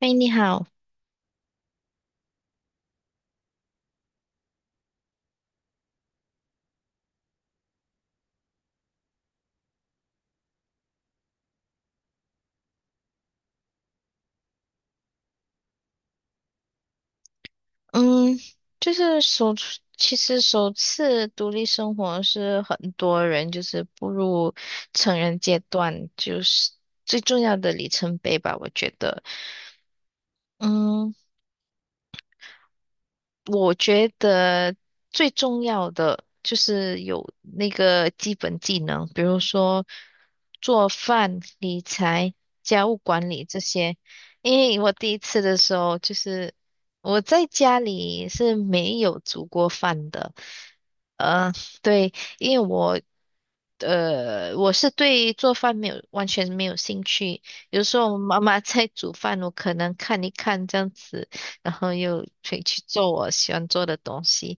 哎，你好。嗯。就是其实首次独立生活是很多人就是步入成人阶段，就是最重要的里程碑吧，我觉得。嗯，我觉得最重要的就是有那个基本技能，比如说做饭、理财、家务管理这些。因为我第一次的时候，就是我在家里是没有煮过饭的。对，因为我我是对做饭没有完全没有兴趣，有时候我妈妈在煮饭，我可能看一看这样子，然后又可以去做我喜欢做的东西。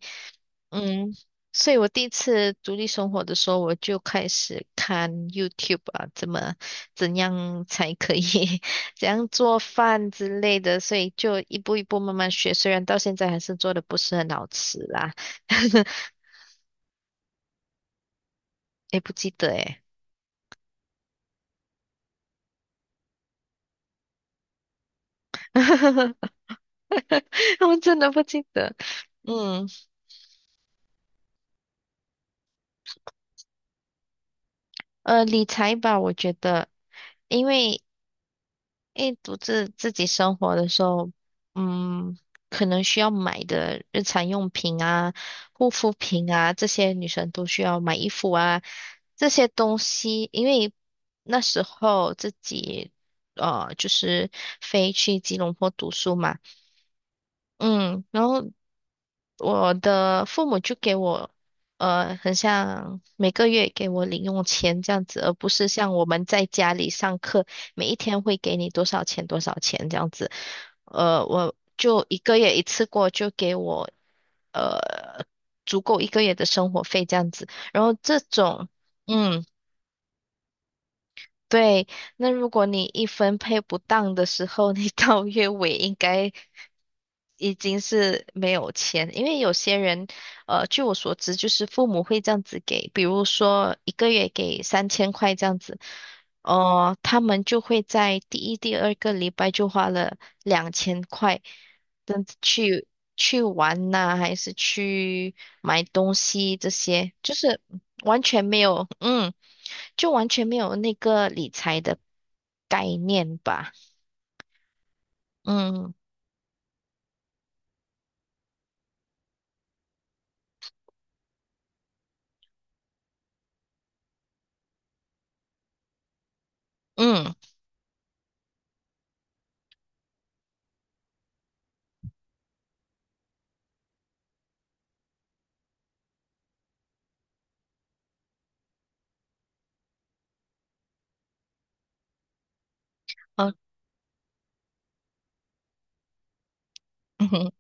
嗯，所以我第一次独立生活的时候，我就开始看 YouTube 啊，怎样才可以 怎样做饭之类的，所以就一步一步慢慢学，虽然到现在还是做的不是很好吃啦。也不记得诶。我真的不记得。嗯。理财吧，我觉得，因为因为独自自己生活的时候，嗯，可能需要买的日常用品啊、护肤品啊，这些女生都需要买衣服啊，这些东西。因为那时候自己就是飞去吉隆坡读书嘛。嗯，然后我的父母就给我。很像每个月给我零用钱这样子，而不是像我们在家里上课，每一天会给你多少钱多少钱这样子。我就一个月一次过就给我呃足够一个月的生活费这样子，然后这种。嗯，对，那如果你一分配不当的时候，你到月尾应该已经是没有钱。因为有些人，据我所知，就是父母会这样子给，比如说一个月给3000块这样子，哦、他们就会在第一、第二个礼拜就花了2000块，这样子去去玩呐、还是去买东西这些，就是完全没有。嗯，就完全没有那个理财的概念吧。嗯。嗯。哦。嗯哼。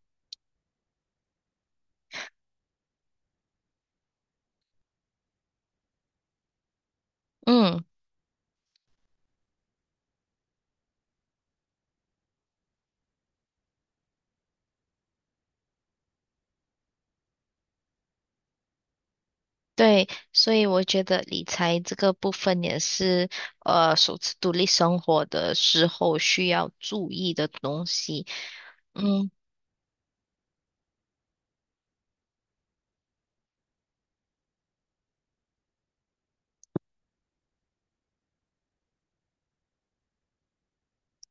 嗯。对，所以我觉得理财这个部分也是首次独立生活的时候需要注意的东西。嗯，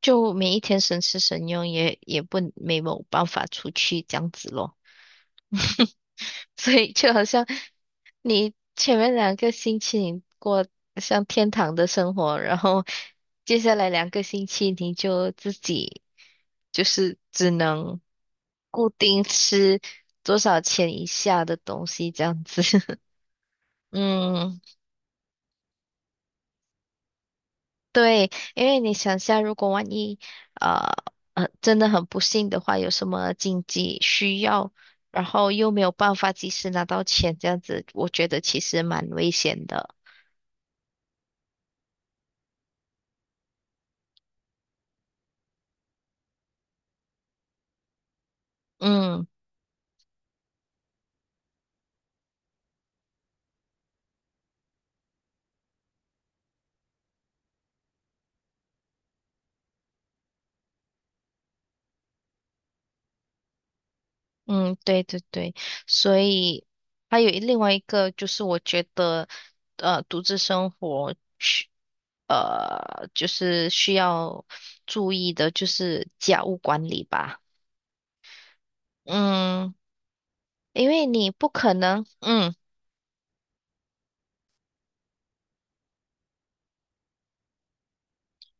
就每一天省吃省用，也不没有办法出去这样子咯。所以就好像你前面两个星期你过像天堂的生活，然后接下来两个星期你就自己就是只能固定吃多少钱以下的东西这样子。嗯，对，因为你想下，如果万一呃真的很不幸的话，有什么紧急需要，然后又没有办法及时拿到钱，这样子，我觉得其实蛮危险的。嗯。嗯，对对对，所以还有另外一个就是我觉得，独自生活就是需要注意的，就是家务管理吧。嗯，因为你不可能。嗯。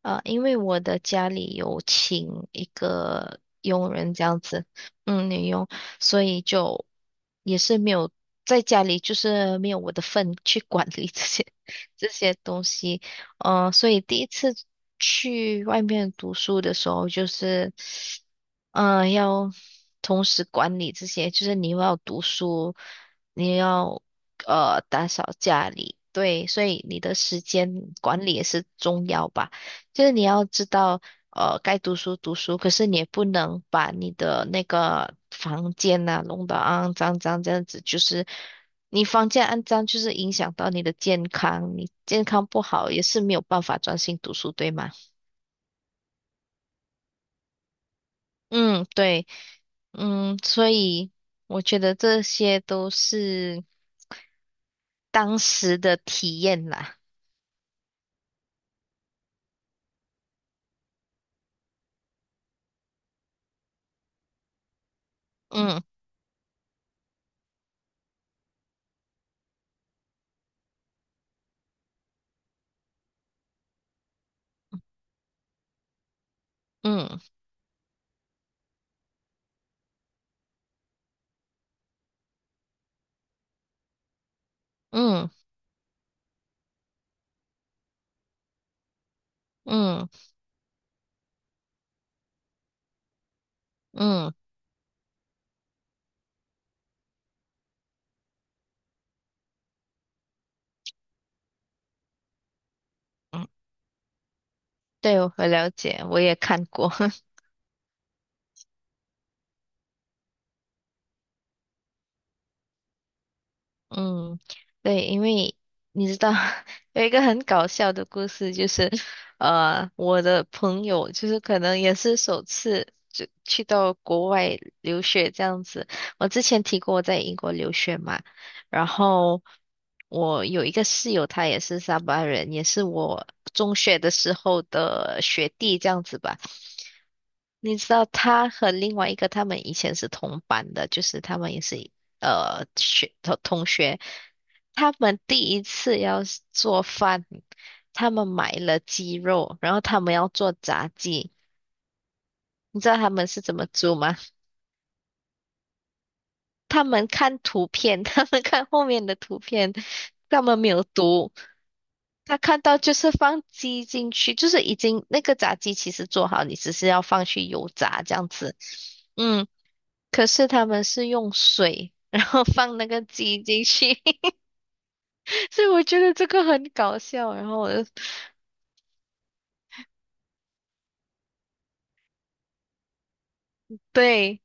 因为我的家里有请一个佣人这样子。嗯，女佣，所以就也是没有在家里，就是没有我的份去管理这些 这些东西。所以第一次去外面读书的时候，就是，嗯，要同时管理这些，就是你又要读书，你要打扫家里。对，所以你的时间管理也是重要吧。就是你要知道，该读书读书，可是你也不能把你的那个房间呐、弄得肮脏脏这样子。就是你房间肮脏，就是影响到你的健康，你健康不好也是没有办法专心读书，对吗？嗯，对。嗯，所以我觉得这些都是当时的体验啦。嗯。嗯。嗯。嗯。嗯。嗯。对，我了解，我也看过。嗯，对，因为你知道 有一个很搞笑的故事，就是我的朋友就是可能也是首次就去到国外留学这样子。我之前提过我在英国留学嘛，然后我有一个室友，他也是沙巴人，也是我中学的时候的学弟这样子吧。你知道他和另外一个他们以前是同班的，就是他们也是同学。他们第一次要是做饭，他们买了鸡肉，然后他们要做炸鸡。你知道他们是怎么做吗？他们看图片，他们看后面的图片，他们没有读。他看到就是放鸡进去，就是已经那个炸鸡其实做好，你只是要放去油炸这样子。嗯，可是他们是用水，然后放那个鸡进去，所以我觉得这个很搞笑。然后我就对，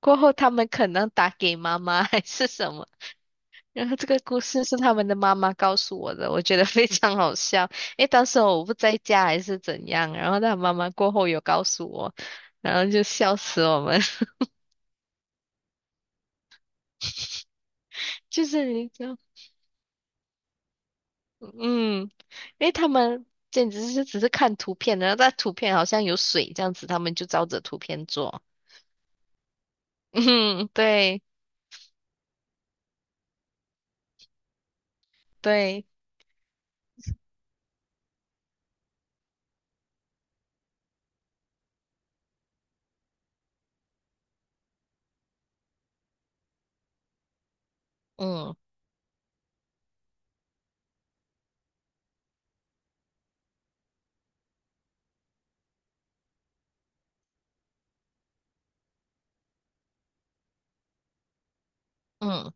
过后他们可能打给妈妈还是什么。然后这个故事是他们的妈妈告诉我的，我觉得非常好笑。因为当时我不在家还是怎样，然后他妈妈过后有告诉我，然后就笑死我们。就是你知道。嗯，因为他们。简直是只是看图片，然后在图片好像有水这样子，他们就照着图片做。嗯，对对。嗯。嗯。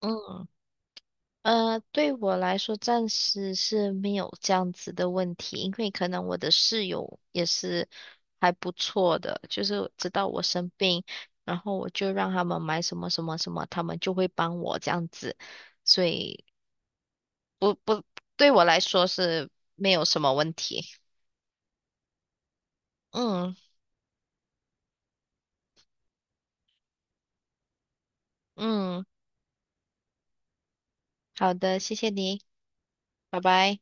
嗯。对我来说暂时是没有这样子的问题，因为可能我的室友也是还不错的，就是知道我生病，然后我就让他们买什么什么什么，他们就会帮我这样子，所以不不，对我来说是没有什么问题。嗯。嗯，好的，谢谢你，拜拜。